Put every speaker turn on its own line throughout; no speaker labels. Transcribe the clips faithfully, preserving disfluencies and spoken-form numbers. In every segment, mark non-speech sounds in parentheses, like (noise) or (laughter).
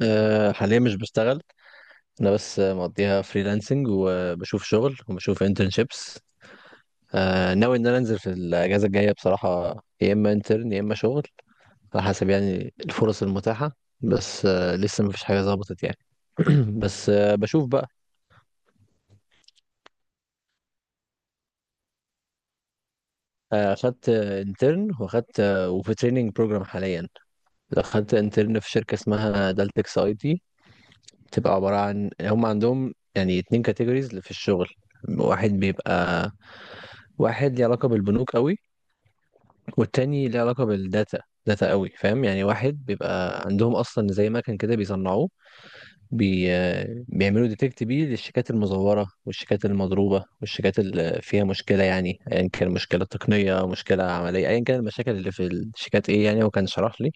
أه حاليا مش بشتغل. انا بس آه، مقضيها فريلانسنج وبشوف شغل وبشوف انترنشيبس. أه ناوي ان انا انزل في الاجازه الجايه بصراحه، يا اما انترن يا اما شغل، على حسب يعني الفرص المتاحه. بس أه لسه مفيش حاجه ظبطت يعني. (clears throat) بس أه بشوف بقى. آه، اخدت انترن واخدت آه، وفي تريننج بروجرام حاليا. اخدت انترن في شركه اسمها دالتكس اي تي. بتبقى عباره عن هم عندهم يعني اتنين كاتيجوريز في الشغل. واحد بيبقى، واحد ليه علاقة بالبنوك قوي، والتاني ليه علاقة بالداتا. داتا قوي، فاهم؟ يعني واحد بيبقى عندهم اصلا زي مكن كده بيصنعوه، بي... بيعملوا ديتكت بيه للشيكات المزورة والشيكات المضروبة والشيكات اللي فيها مشكلة، يعني ايا كان مشكلة تقنية مشكلة عملية، ايا كان المشاكل اللي في الشيكات ايه، يعني هو كان شرح لي.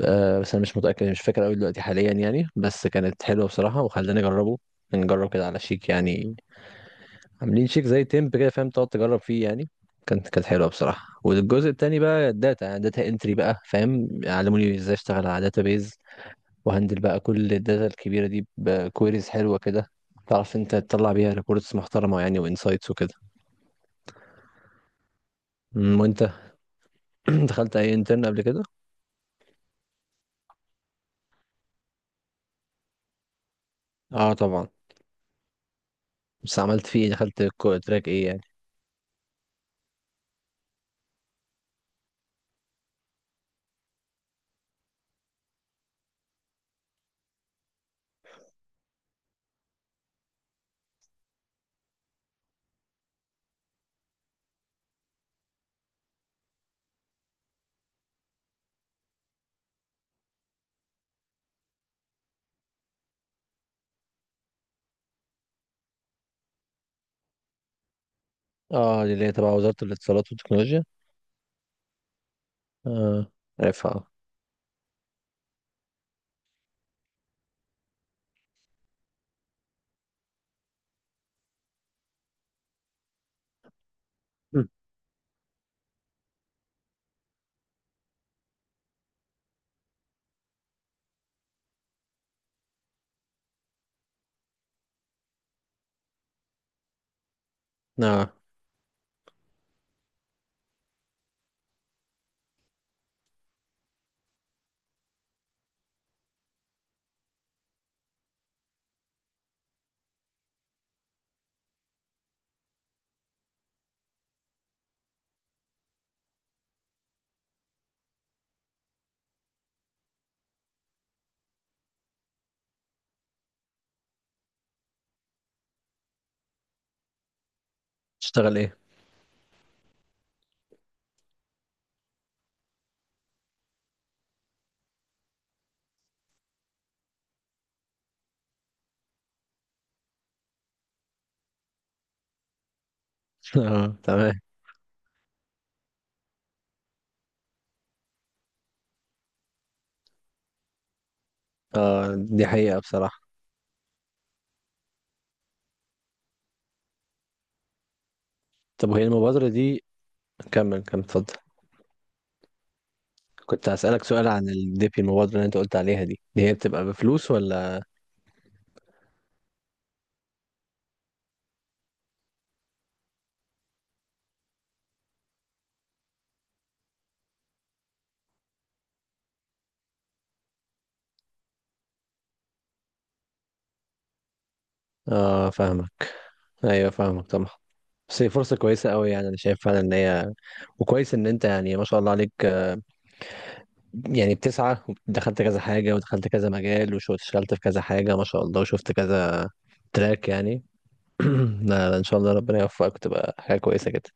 آه، بس انا مش متأكد مش فاكر قوي دلوقتي حاليا يعني، بس كانت حلوة بصراحة وخلاني اجربه. نجرب كده على شيك يعني. عاملين شيك زي تيمب كده، فاهم؟ تقعد تجرب فيه يعني. كانت كانت حلوه بصراحه. والجزء التاني بقى الداتا، يعني داتا انتري بقى، فاهم؟ علموني ازاي اشتغل على داتا بيز وهندل بقى كل الداتا الكبيره دي بكويريز حلوه كده، تعرف انت تطلع بيها ريبورتس محترمه يعني وانسايتس وكده. أمم، وانت؟ (clears throat) دخلت اي انترن قبل كده؟ اه طبعا. بس عملت فيه إيه؟ دخلت كو- تراك ايه يعني؟ اه، دي اللي هي تبع وزاره الاتصالات والتكنولوجيا. اه، عارفها اه. أمم. اه، تشتغل ايه؟ (laughs) اه، تمام. اه، دي حقيقه بصراحه. طب وهي المبادرة دي، كمل كمل اتفضل. كنت هسألك سؤال عن الديبي، المبادرة اللي انت قلت عليها دي، دي هي بتبقى بفلوس ولا؟ اه فاهمك. ايوه فاهمك طبعا. بس هي فرصة كويسة قوي يعني، انا شايف فعلا ان هي، وكويس ان انت يعني ما شاء الله عليك، آه، يعني بتسعى ودخلت كذا حاجة ودخلت كذا مجال واشتغلت في كذا حاجة ما شاء الله وشفت كذا تراك يعني. (clears throat) لا لا، ان شاء الله ربنا يوفقك تبقى حاجة كويسة جدا.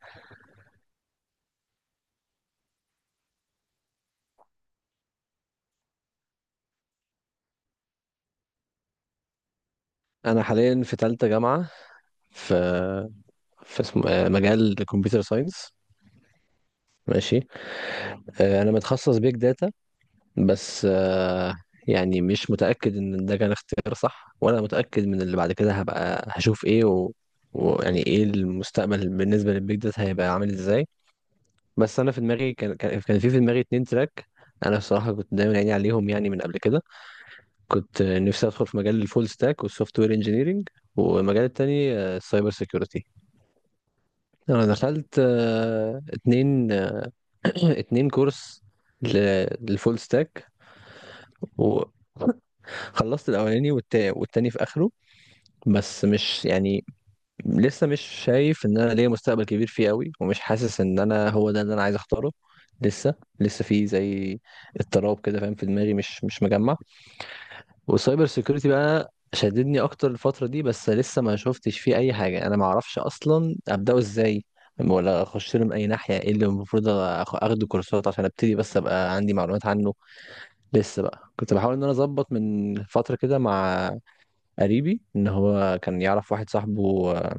انا حاليا في تالتة جامعة، في في اسم... آه، مجال الكمبيوتر ساينس، ماشي. آه، انا متخصص بيج داتا. بس آه، يعني مش متاكد ان ده كان اختيار صح ولا متاكد من اللي بعد كده هبقى هشوف ايه و... ويعني ايه المستقبل بالنسبه للبيج داتا هيبقى عامل ازاي. بس انا في دماغي كان كان كان في في دماغي اتنين تراك. انا بصراحه كنت دايما عيني عليهم يعني من قبل كده. كنت آه، نفسي ادخل في مجال الفول ستاك والسوفت وير انجينيرنج، والمجال التاني آه، السايبر سيكيورتي. انا دخلت آه، اتنين، (clears throat) اتنين كورس ل- للفول ستاك. خلصت الاولاني، والتا- والتاني في اخره. بس مش يعني، لسه مش شايف ان انا ليا مستقبل كبير فيه قوي، ومش حاسس ان انا هو ده اللي انا عايز اختاره. لسه لسه في زي اضطراب كده، فاهم؟ في دماغي مش مش مجمع. والسايبر سيكيورتي بقى شددني اكتر الفترة دي، بس لسه ما شفتش فيه اي حاجة، انا ما اعرفش اصلا ابداه ازاي ولا اخش له من اي ناحية. ايه اللي المفروض أخ- اخده كورسات عشان ابتدي بس ابقى عندي معلومات عنه. لسه بقى كنت بحاول ان انا اظبط من فترة كده مع قريبي ان هو كان يعرف واحد صاحبه، آه،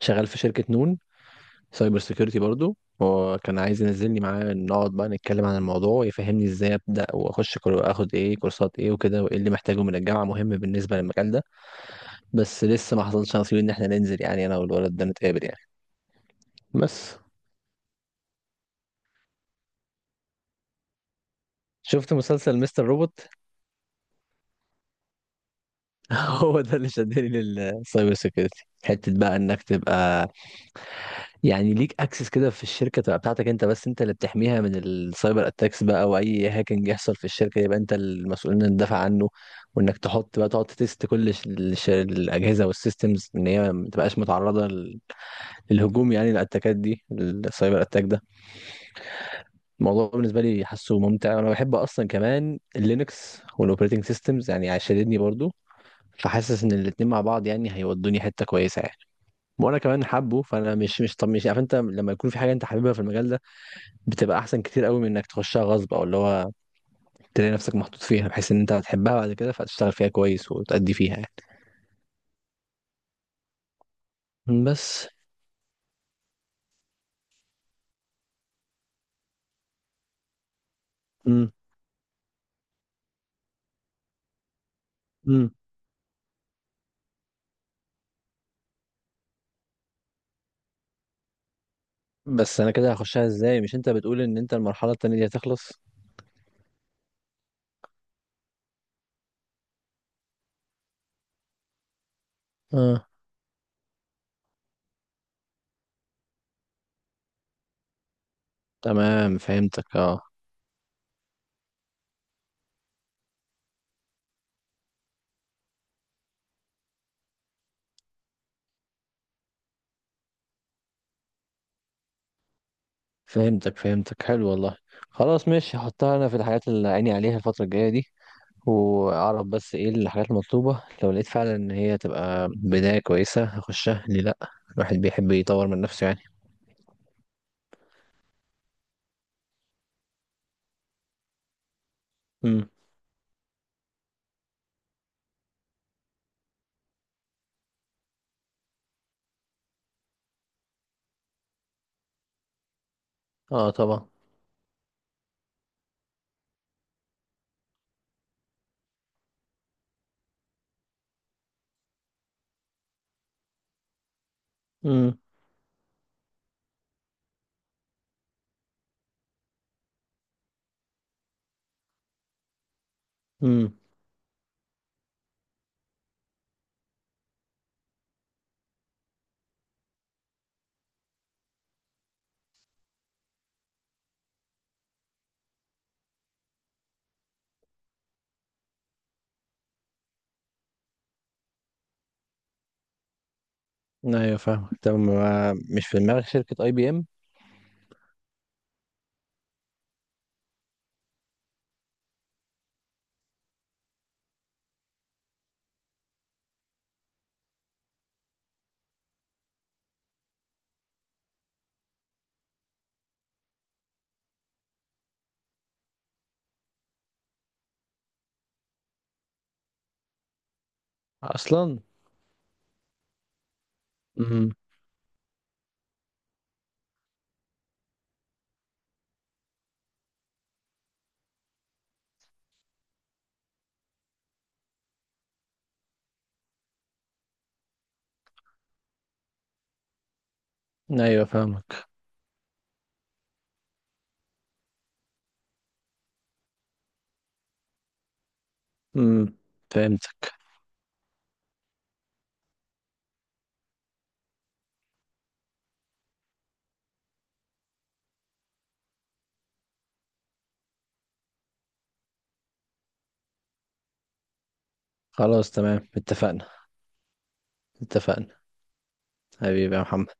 شغال في شركة نون، سايبر سيكيورتي برضه. هو كان عايز ينزلني معاه، نقعد بقى نتكلم عن الموضوع، يفهمني ازاي ابدا واخش كور- اخد ايه كورسات ايه وكده، وايه اللي محتاجه من الجامعه مهم بالنسبه للمجال ده. بس لسه ما حصلش نصيب ان احنا ننزل، يعني انا والولد ده نتقابل يعني. بس شفت مسلسل مستر روبوت. (laughs) هو ده اللي شدني للسايبر سيكيورتي، حته بقى انك تبقى يعني ليك اكسس كده في الشركه، تبقى بتاعتك انت بس، انت اللي بتحميها من السايبر اتاكس بقى، او اي هاكينج يحصل في الشركه يبقى انت المسؤول انك تدافع عنه، وانك تحط بقى تقعد تست كل ش- الش- الاجهزه والسيستمز ان هي ما تبقاش متعرضه لل- للهجوم، يعني الاتاكات دي، السايبر اتاك ده. الموضوع بالنسبه لي حاسه ممتع، وانا بحب اصلا كمان اللينكس والاوبريتنج سيستمز، يعني شددني برضو. فحاسس ان الاتنين مع بعض يعني هيودوني حته كويسه يعني. وانا كمان حابه، فانا مش مش طب مش عارف، انت لما يكون في حاجه انت حاببها في المجال ده بتبقى احسن كتير قوي من انك تخشها غصب، او اللي هو تلاقي نفسك محطوط فيها، بحيث ان انت هتحبها بعد كده فهتشتغل فيها كويس وتأدي فيها يعني. بس امم امم بس انا كده هخشها ازاي؟ مش انت بتقول ان انت المرحلة التانية دي هتخلص؟ اه تمام فهمتك اه. فهمتك فهمتك، حلو والله. خلاص ماشي، هحطها انا في الحاجات اللي عيني عليها الفترة الجاية دي. واعرف بس ايه الحاجات المطلوبة، لو لقيت فعلا ان هي تبقى بداية كويسة هخشها، ليه لا؟ الواحد بيحب يطور من نفسه يعني. امم. اه طبعا. مم. امم. ايوه فاهمك. طب ما- مش في دماغك شركة اي بي ام اصلا؟ امم. ايوه فاهمك. امم، فهمتك. خلاص تمام اتفقنا. اتفقنا حبيبي يا محمد.